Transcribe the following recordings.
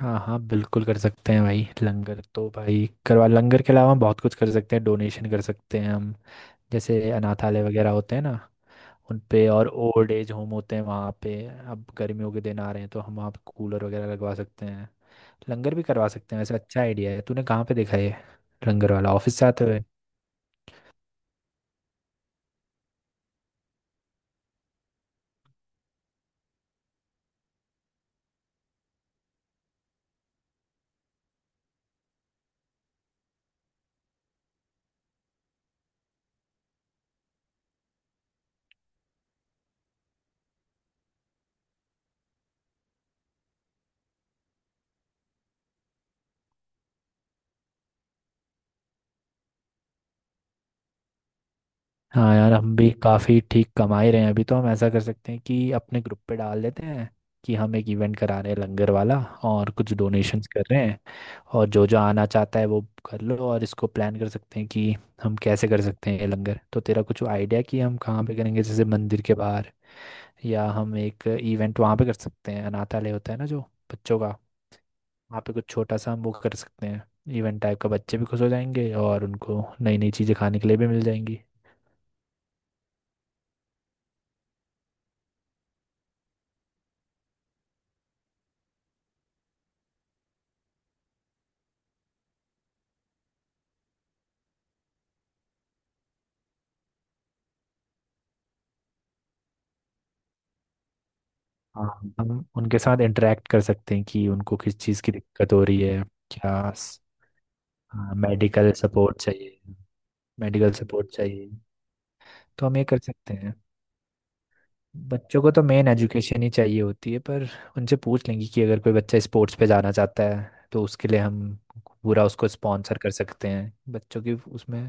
हाँ हाँ बिल्कुल कर सकते हैं भाई। लंगर तो भाई करवा, लंगर के अलावा हम बहुत कुछ कर सकते हैं, डोनेशन कर सकते हैं हम। जैसे अनाथालय वगैरह होते हैं ना, उन पे, और ओल्ड एज होम होते हैं वहाँ पे। अब गर्मियों के दिन आ रहे हैं तो हम वहाँ पे कूलर वगैरह लगवा सकते हैं, लंगर भी करवा सकते हैं। वैसे अच्छा आइडिया है, तूने कहाँ पे देखा ये लंगर वाला, ऑफिस से आते हुए? हाँ यार, हम भी काफ़ी ठीक कमा ही रहे हैं अभी, तो हम ऐसा कर सकते हैं कि अपने ग्रुप पे डाल देते हैं कि हम एक इवेंट करा रहे हैं लंगर वाला, और कुछ डोनेशंस कर रहे हैं, और जो जो आना चाहता है वो कर लो। और इसको प्लान कर सकते हैं कि हम कैसे कर सकते हैं ये लंगर। तो तेरा कुछ आइडिया कि हम कहाँ पे करेंगे? जैसे मंदिर के बाहर, या हम एक इवेंट वहाँ पे कर सकते हैं, अनाथालय होता है ना जो बच्चों का, वहाँ पे कुछ छोटा सा हम वो कर सकते हैं, इवेंट टाइप का। बच्चे भी खुश हो जाएंगे और उनको नई नई चीज़ें खाने के लिए भी मिल जाएंगी। हाँ, हम उनके साथ इंटरेक्ट कर सकते हैं कि उनको किस चीज़ की दिक्कत हो रही है। क्या स- हाँ, मेडिकल सपोर्ट चाहिए। मेडिकल सपोर्ट चाहिए। तो हम ये कर सकते हैं, बच्चों को तो मेन एजुकेशन ही चाहिए होती है, पर उनसे पूछ लेंगे कि अगर कोई बच्चा स्पोर्ट्स पे जाना चाहता है तो उसके लिए हम पूरा उसको स्पॉन्सर कर सकते हैं, बच्चों की उसमें।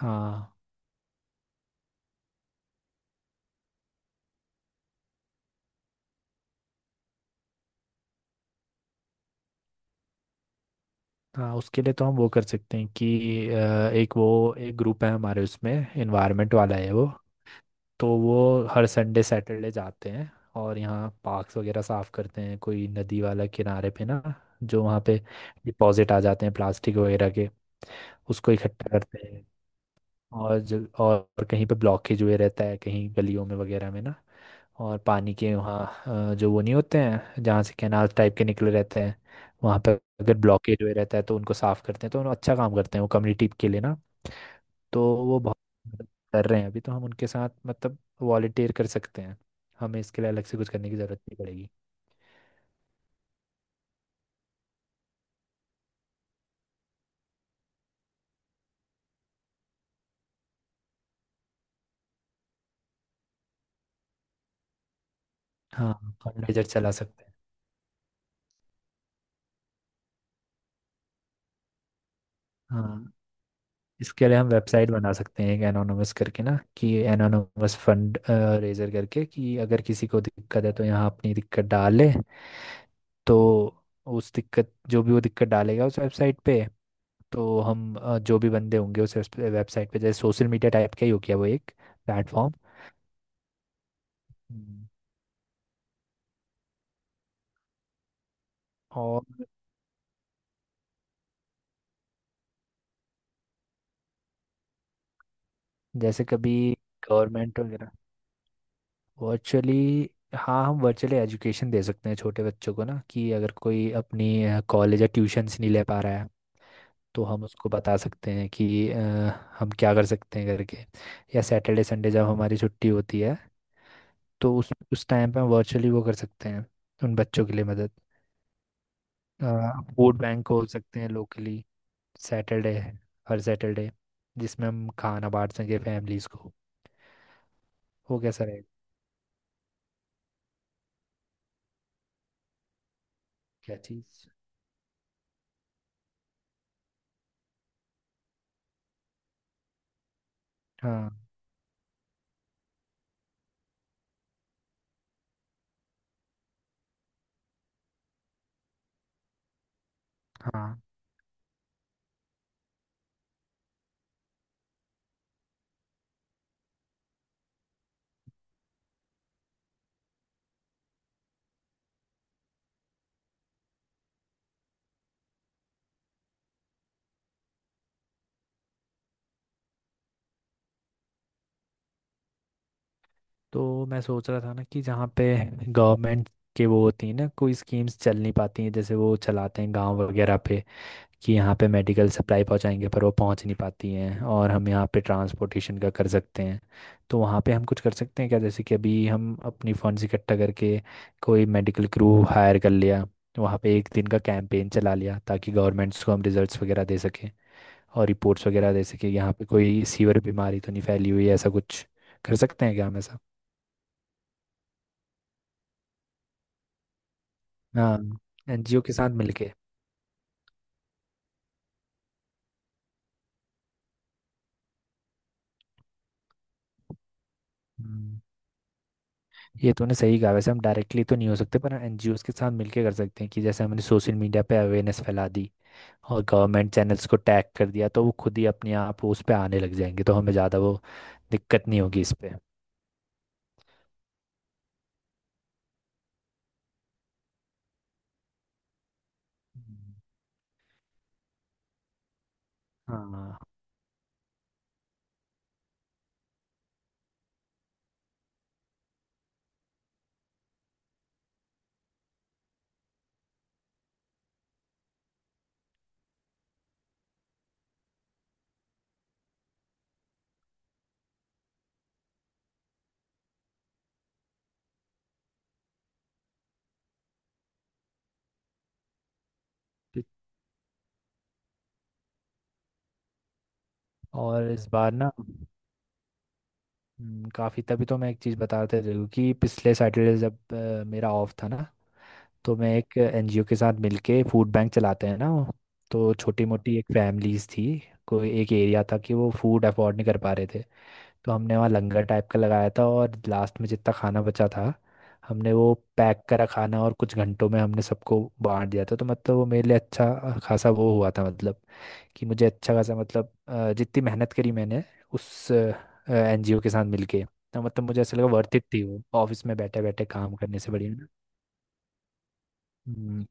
हाँ। हाँ, उसके लिए तो हम वो कर सकते हैं कि एक वो एक ग्रुप है हमारे उसमें, इन्वायरमेंट वाला है वो। तो वो हर संडे सैटरडे जाते हैं और यहाँ पार्क्स वगैरह साफ करते हैं। कोई नदी वाला किनारे पे ना, जो वहाँ पे डिपॉजिट आ जाते हैं प्लास्टिक वगैरह के, उसको इकट्ठा करते हैं। और जो और कहीं पे ब्लॉकेज हुए रहता है, कहीं गलियों में वगैरह में ना, और पानी के वहाँ जो वो नहीं होते हैं जहाँ से कैनाल टाइप के निकले रहते हैं, वहाँ पर अगर ब्लॉकेज हुए रहता है तो उनको साफ करते हैं। तो उन्होंने अच्छा काम करते हैं वो, कम्युनिटी के लिए ना। तो वो बहुत मदद कर रहे हैं अभी, तो हम उनके साथ मतलब वॉलेंटियर कर सकते हैं, हमें इसके लिए अलग से कुछ करने की ज़रूरत नहीं पड़ेगी। हाँ, फंडरेजर चला सकते हैं। हाँ, इसके लिए हम वेबसाइट बना सकते हैं, एक एनोनमस करके ना, कि एनोनमस फंड रेजर करके कि अगर किसी को दिक्कत है तो यहाँ अपनी दिक्कत डाले। तो उस दिक्कत, जो भी वो दिक्कत डालेगा उस वेबसाइट पे, तो हम जो भी बंदे होंगे उस वेबसाइट पे, जैसे सोशल मीडिया टाइप का ही हो गया वो, एक प्लेटफॉर्म। हम्म। और जैसे कभी गवर्नमेंट वगैरह वर्चुअली, हाँ हम वर्चुअली एजुकेशन दे सकते हैं छोटे बच्चों को ना, कि अगर कोई अपनी कॉलेज या ट्यूशन्स नहीं ले पा रहा है तो हम उसको बता सकते हैं कि हम क्या कर सकते हैं करके। या सैटरडे संडे जब हमारी छुट्टी होती है तो उस टाइम पे हम वर्चुअली वो कर सकते हैं, उन बच्चों के लिए मदद। फूड बैंक खोल सकते हैं लोकली, सैटरडे है, हर सैटरडे, जिसमें हम खाना बांट सकें फैमिलीज को। वो कैसा रहेगा? क्या चीज़? हाँ हाँ, तो मैं सोच रहा था ना कि जहाँ पे गवर्नमेंट के वो होती है ना, कोई स्कीम्स चल नहीं पाती हैं जैसे वो चलाते हैं गांव वगैरह पे, कि यहाँ पे मेडिकल सप्लाई पहुँचाएंगे पर वो पहुँच नहीं पाती हैं, और हम यहाँ पे ट्रांसपोर्टेशन का कर सकते हैं। तो वहाँ पे हम कुछ कर सकते हैं क्या, जैसे कि अभी हम अपनी फंड्स इकट्ठा करके कोई मेडिकल क्रू हायर कर लिया, वहाँ पे एक दिन का कैंपेन चला लिया, ताकि गवर्नमेंट्स को हम रिजल्ट्स वगैरह दे सकें और रिपोर्ट्स वगैरह दे सकें, यहाँ पे कोई सीवर बीमारी तो नहीं फैली हुई है। ऐसा कुछ कर सकते हैं क्या हम ऐसा? हाँ, एनजीओ के साथ मिलके। हम्म, ये तूने सही कहा। वैसे हम डायरेक्टली तो नहीं हो सकते, पर एनजीओस के साथ मिलके कर सकते हैं, कि जैसे हमने सोशल मीडिया पे अवेयरनेस फैला दी और गवर्नमेंट चैनल्स को टैग कर दिया तो वो खुद ही अपने आप उस पे आने लग जाएंगे, तो हमें ज़्यादा वो दिक्कत नहीं होगी इस पे। हम्म। हाँ। पि- और इस बार ना काफ़ी, तभी तो मैं एक चीज़ बताते रही हूँ कि पिछले सैटरडे जब मेरा ऑफ था ना, तो मैं एक एनजीओ के साथ मिलके फूड बैंक चलाते हैं ना वो, तो छोटी मोटी एक फैमिलीज थी कोई एक एरिया था कि वो फूड अफोर्ड नहीं कर पा रहे थे। तो हमने वहाँ लंगर टाइप का लगाया था, और लास्ट में जितना खाना बचा था हमने वो पैक करा खाना, और कुछ घंटों में हमने सबको बांट दिया था। तो मतलब वो मेरे लिए अच्छा खासा वो हुआ था, मतलब कि मुझे अच्छा खासा, मतलब जितनी मेहनत करी मैंने उस एनजीओ के साथ मिलके, तो मतलब मुझे ऐसा लगा वर्थ इट थी वो, ऑफिस में बैठे बैठे काम करने से बढ़िया ना।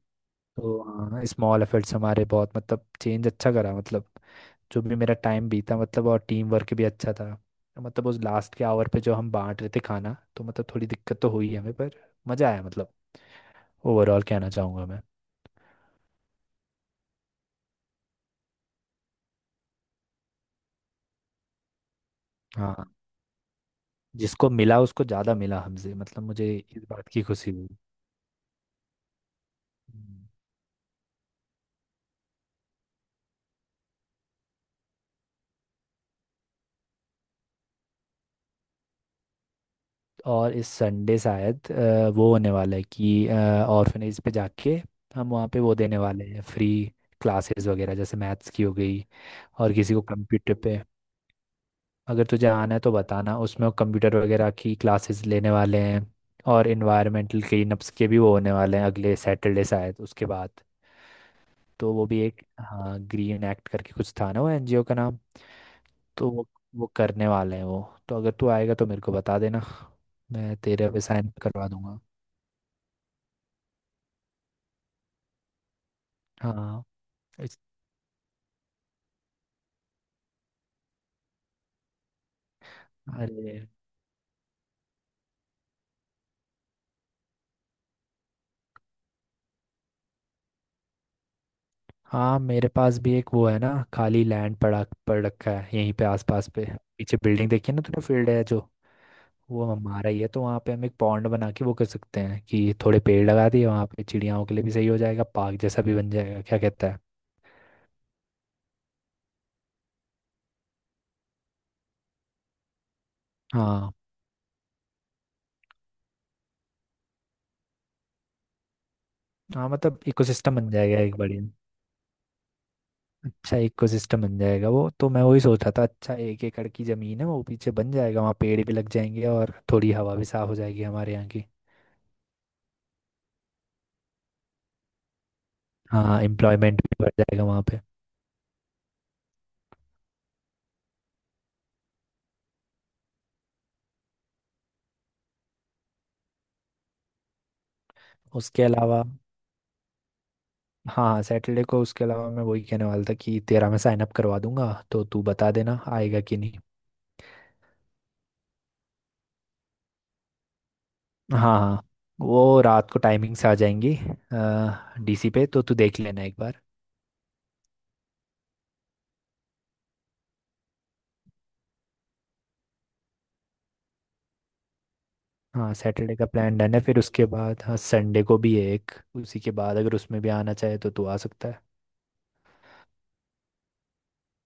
तो हाँ, स्मॉल एफर्ट्स हमारे बहुत मतलब चेंज अच्छा करा, मतलब जो भी मेरा टाइम बीता, मतलब और टीम वर्क भी अच्छा था। मतलब उस लास्ट के आवर पे जो हम बांट रहे थे खाना, तो मतलब थोड़ी दिक्कत तो हुई हमें पर मज़ा आया, मतलब ओवरऑल कहना चाहूँगा मैं। हाँ, जिसको मिला उसको ज़्यादा मिला हमसे, मतलब मुझे इस बात की खुशी हुई। हम्म। और इस संडे शायद वो होने वाला है कि ऑर्फनेज पे जाके हम वहाँ पे वो देने वाले हैं, फ्री क्लासेस वगैरह, जैसे मैथ्स की हो गई, और किसी को कंप्यूटर पे अगर तुझे आना है तो बताना, उसमें वो कंप्यूटर वगैरह की क्लासेस लेने वाले हैं। और इन्वायरमेंटल क्लीनअप्स के भी वो होने वाले हैं अगले सैटरडे शायद उसके बाद, तो वो भी एक, हाँ ग्रीन एक्ट करके कुछ था ना वो एनजीओ का नाम, तो वो करने वाले हैं वो। तो अगर तू आएगा तो मेरे को बता देना, मैं तेरे पे साइन करवा दूंगा। हाँ। इस- अरे हाँ, मेरे पास भी एक वो है ना, खाली लैंड पड़ा पड़ रखा है यहीं पे आसपास पे, पीछे बिल्डिंग देखी है ना तूने, फील्ड है जो, वो हमारा ही है। तो वहाँ पे हम एक पॉन्ड बना के वो कर सकते हैं कि थोड़े पेड़ लगा दिए, वहाँ पे चिड़ियाओं के लिए भी सही हो जाएगा, पार्क जैसा भी बन जाएगा। क्या कहता है? हाँ, हाँ मतलब इकोसिस्टम बन जाएगा एक बढ़िया। अच्छा इकोसिस्टम बन जाएगा वो, तो मैं वही सोच रहा था। अच्छा एक एकड़ की जमीन है वो पीछे, बन जाएगा, वहाँ पेड़ भी लग जाएंगे और थोड़ी हवा भी साफ हो जाएगी हमारे यहाँ की। हाँ, एम्प्लॉयमेंट भी बढ़ जाएगा वहाँ पे। उसके अलावा, हाँ सैटरडे को, उसके अलावा मैं वही कहने वाला था कि तेरा मैं साइन अप करवा दूंगा, तो तू बता देना आएगा कि नहीं। हाँ हाँ, वो रात को टाइमिंग से आ जाएंगी, डीसी पे तो तू देख लेना एक बार। हाँ सैटरडे का प्लान डन है, फिर उसके बाद हाँ संडे को भी है एक, उसी के बाद अगर उसमें भी आना चाहे तो तू आ सकता है।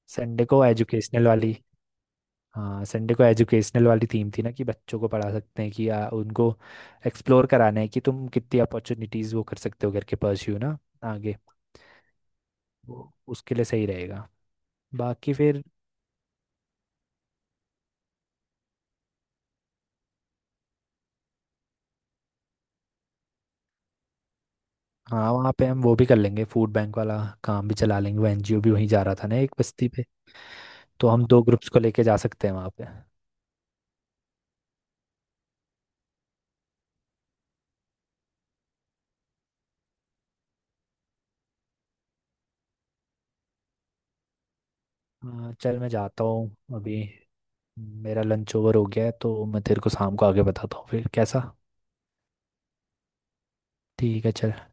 संडे को एजुकेशनल वाली, हाँ संडे को एजुकेशनल वाली थीम थी ना, कि बच्चों को पढ़ा सकते हैं, कि आ, उनको एक्सप्लोर कराना है कि तुम कितनी अपॉर्चुनिटीज़ वो कर सकते हो घर के, परस्यू ना आगे, वो उसके लिए सही रहेगा। बाकी फिर, हाँ वहाँ पे हम वो भी कर लेंगे, फूड बैंक वाला काम भी चला लेंगे, वो एनजीओ भी वहीं जा रहा था ना एक बस्ती पे, तो हम दो ग्रुप्स को लेके जा सकते हैं वहाँ पे। हाँ चल, मैं जाता हूँ अभी, मेरा लंच ओवर हो गया है, तो मैं तेरे को शाम को आगे बताता हूँ, फिर कैसा? ठीक है चल।